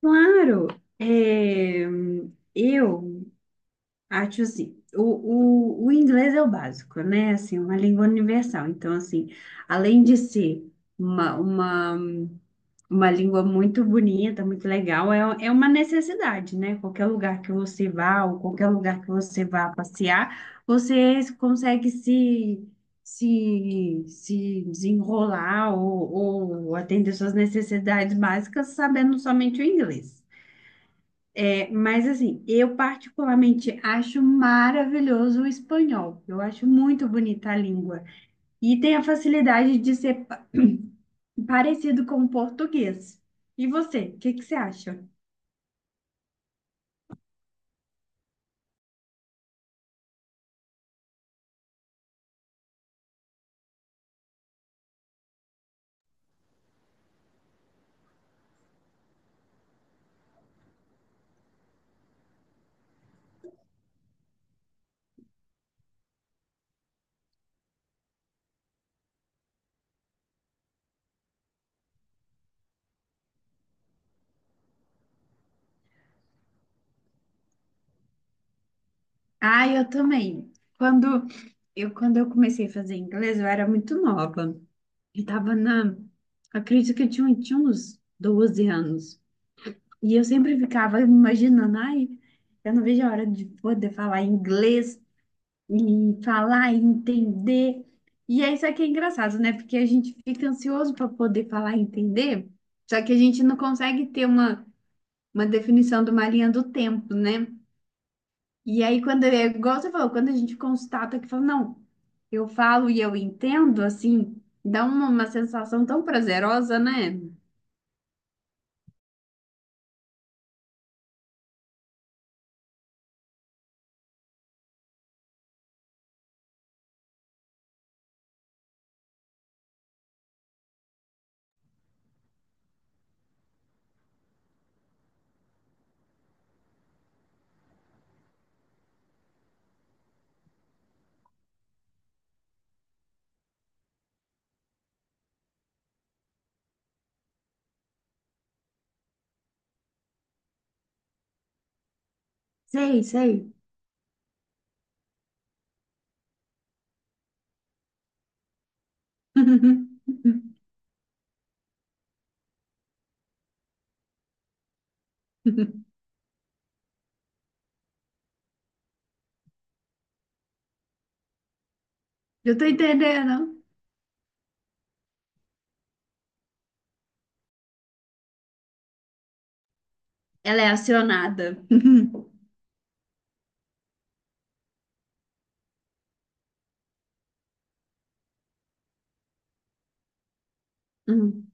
Claro, é, eu acho assim, o inglês é o básico, né? Assim, uma língua universal. Então, assim, além de ser uma, uma, uma língua muito bonita, muito legal, é uma necessidade, né? Qualquer lugar que você vá, ou qualquer lugar que você vá passear, você consegue se desenrolar ou atender suas necessidades básicas sabendo somente o inglês. Mas assim, eu particularmente acho maravilhoso o espanhol. Eu acho muito bonita a língua. E tem a facilidade de ser parecido com o português. E você, o que que você acha? Ah, eu também. Quando quando eu comecei a fazer inglês, eu era muito nova. Eu tava na... Acredito que eu tinha uns 12 anos. E eu sempre ficava imaginando, ai, eu não vejo a hora de poder falar inglês e falar e entender. E isso aqui é engraçado, né? Porque a gente fica ansioso para poder falar e entender, só que a gente não consegue ter uma definição de uma linha do tempo, né? E aí, quando é igual você falou, quando a gente constata que fala, não, eu falo e eu entendo, assim, dá uma sensação tão prazerosa, né? Sei, sei. Eu tô entendendo. Ela é acionada. Hum.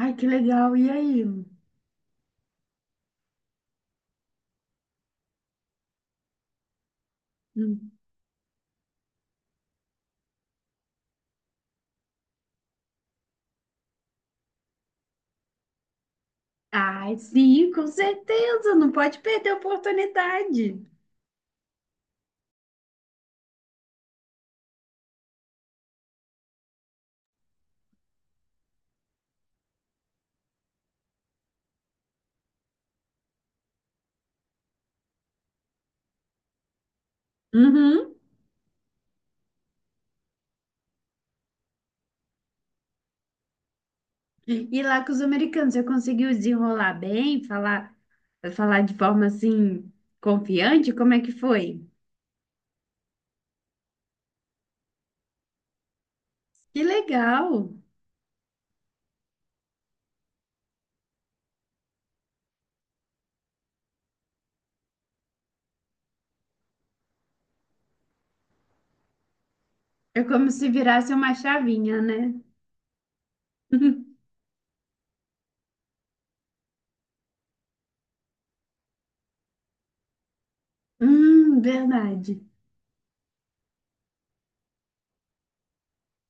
Ai, que legal. E aí? Hum. Ai, sim, com certeza, não pode perder a oportunidade. Uhum. E lá com os americanos, você conseguiu desenrolar bem, falar, falar de forma assim confiante? Como é que foi? Que legal! É como se virasse uma chavinha, né? Verdade.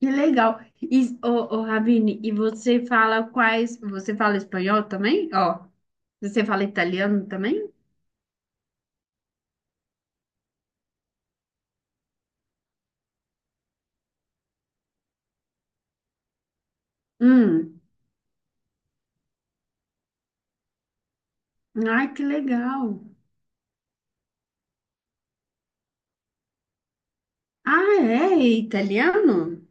Que legal. E, Ravine, e você fala quais? Você fala espanhol também? Ó, você fala italiano também? Hum. Ai, que legal. Ah, é? É italiano?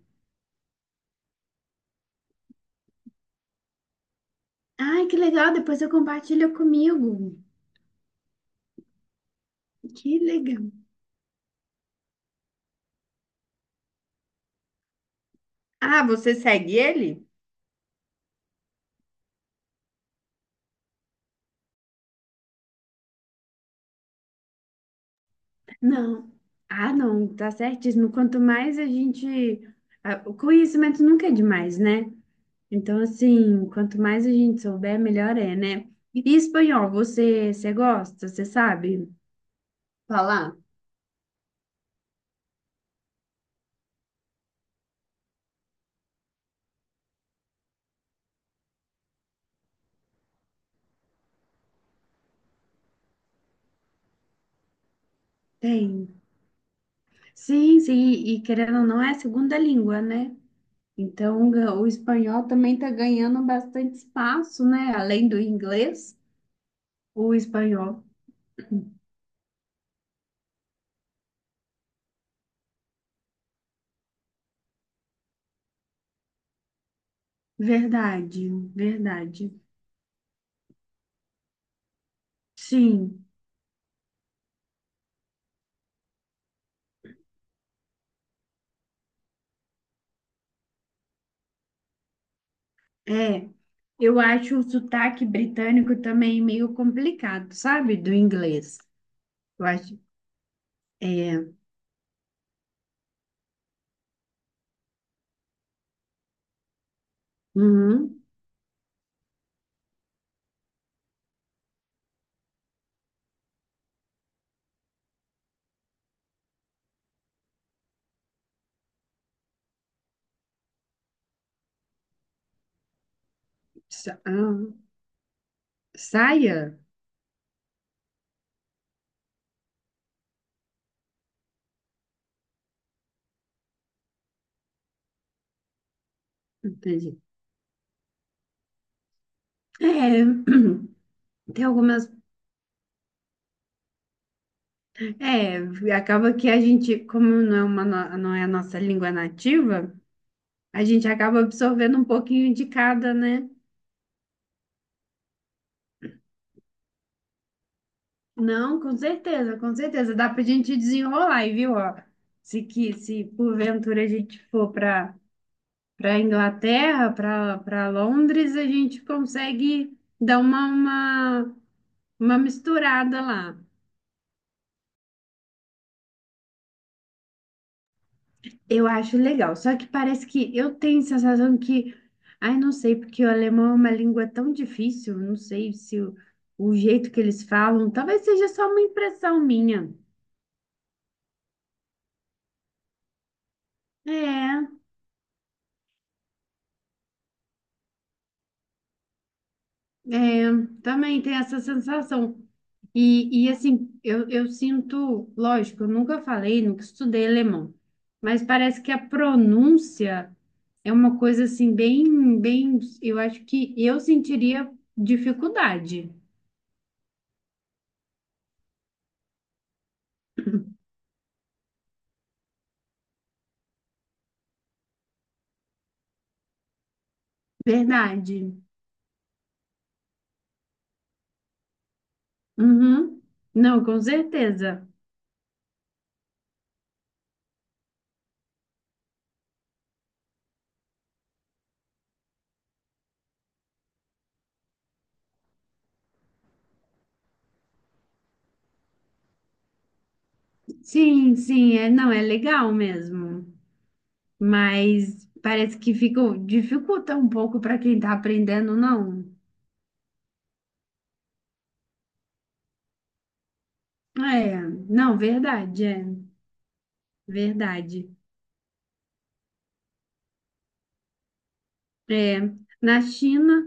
Ai, que legal. Depois eu compartilho comigo. Que legal. Ah, você segue ele? Não. Ah, não, tá certíssimo. Quanto mais a gente. Ah, o conhecimento nunca é demais, né? Então, assim, quanto mais a gente souber, melhor é, né? E espanhol, você gosta? Você sabe falar? Tem. Sim, sim. E querendo ou não, é a segunda língua, né? Então, o espanhol também está ganhando bastante espaço, né? Além do inglês, o espanhol. Verdade, verdade. Sim, é. Eu acho o sotaque britânico também meio complicado, sabe? Do inglês. Eu acho. É. Uhum. Sa- ah, saia? Entendi. É, tem algumas. É, acaba que a gente, como não é, uma, no- não é a nossa língua nativa. A gente acaba absorvendo um pouquinho de cada, né? Não, com certeza, com certeza. Dá pra gente desenrolar, e viu? Ó, se porventura a gente for para Inglaterra, para Londres, a gente consegue dar uma misturada lá. Eu acho legal. Só que parece que eu tenho a sensação que, ai, não sei, porque o alemão é uma língua tão difícil, não sei se o jeito que eles falam, talvez seja só uma impressão minha. É. É, também tem essa sensação. E assim, eu sinto, lógico, eu nunca falei, nunca estudei alemão, mas parece que a pronúncia é uma coisa assim, bem, eu acho que eu sentiria dificuldade. Verdade. Uhum. Não, com certeza. Sim, sim, é, não, é legal mesmo. Mas parece que fica, dificulta um pouco para quem está aprendendo, não. É, não, verdade, é. Verdade. É, na China,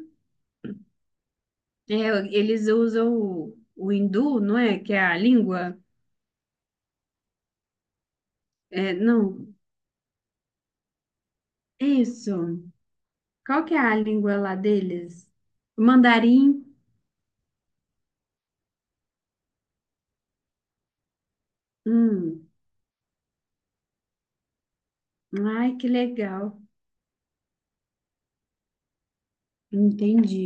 é, eles usam o hindu, não é? Que é a língua. É, não, é isso. Qual que é a língua lá deles? Mandarim. Hum. Ai, que legal. Entendi.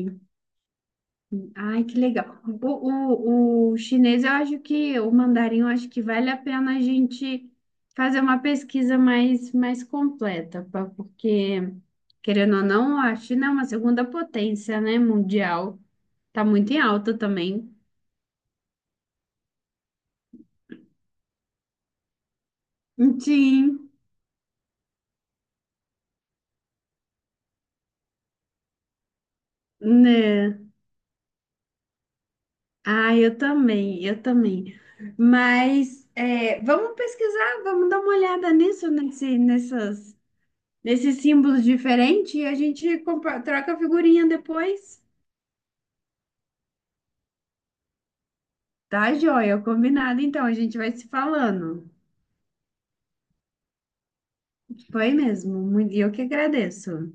Ai, que legal. O chinês, eu acho que, o mandarim, eu acho que vale a pena a gente fazer uma pesquisa mais completa, porque, querendo ou não, a China é uma segunda potência, né, mundial. Tá muito em alta também. Sim, né? Ah, eu também, eu também. Mas é, vamos pesquisar, vamos dar uma olhada nisso, nesses símbolos diferentes e a gente troca a figurinha depois. Tá, joia, combinado. Então, a gente vai se falando. Foi mesmo. E eu que agradeço.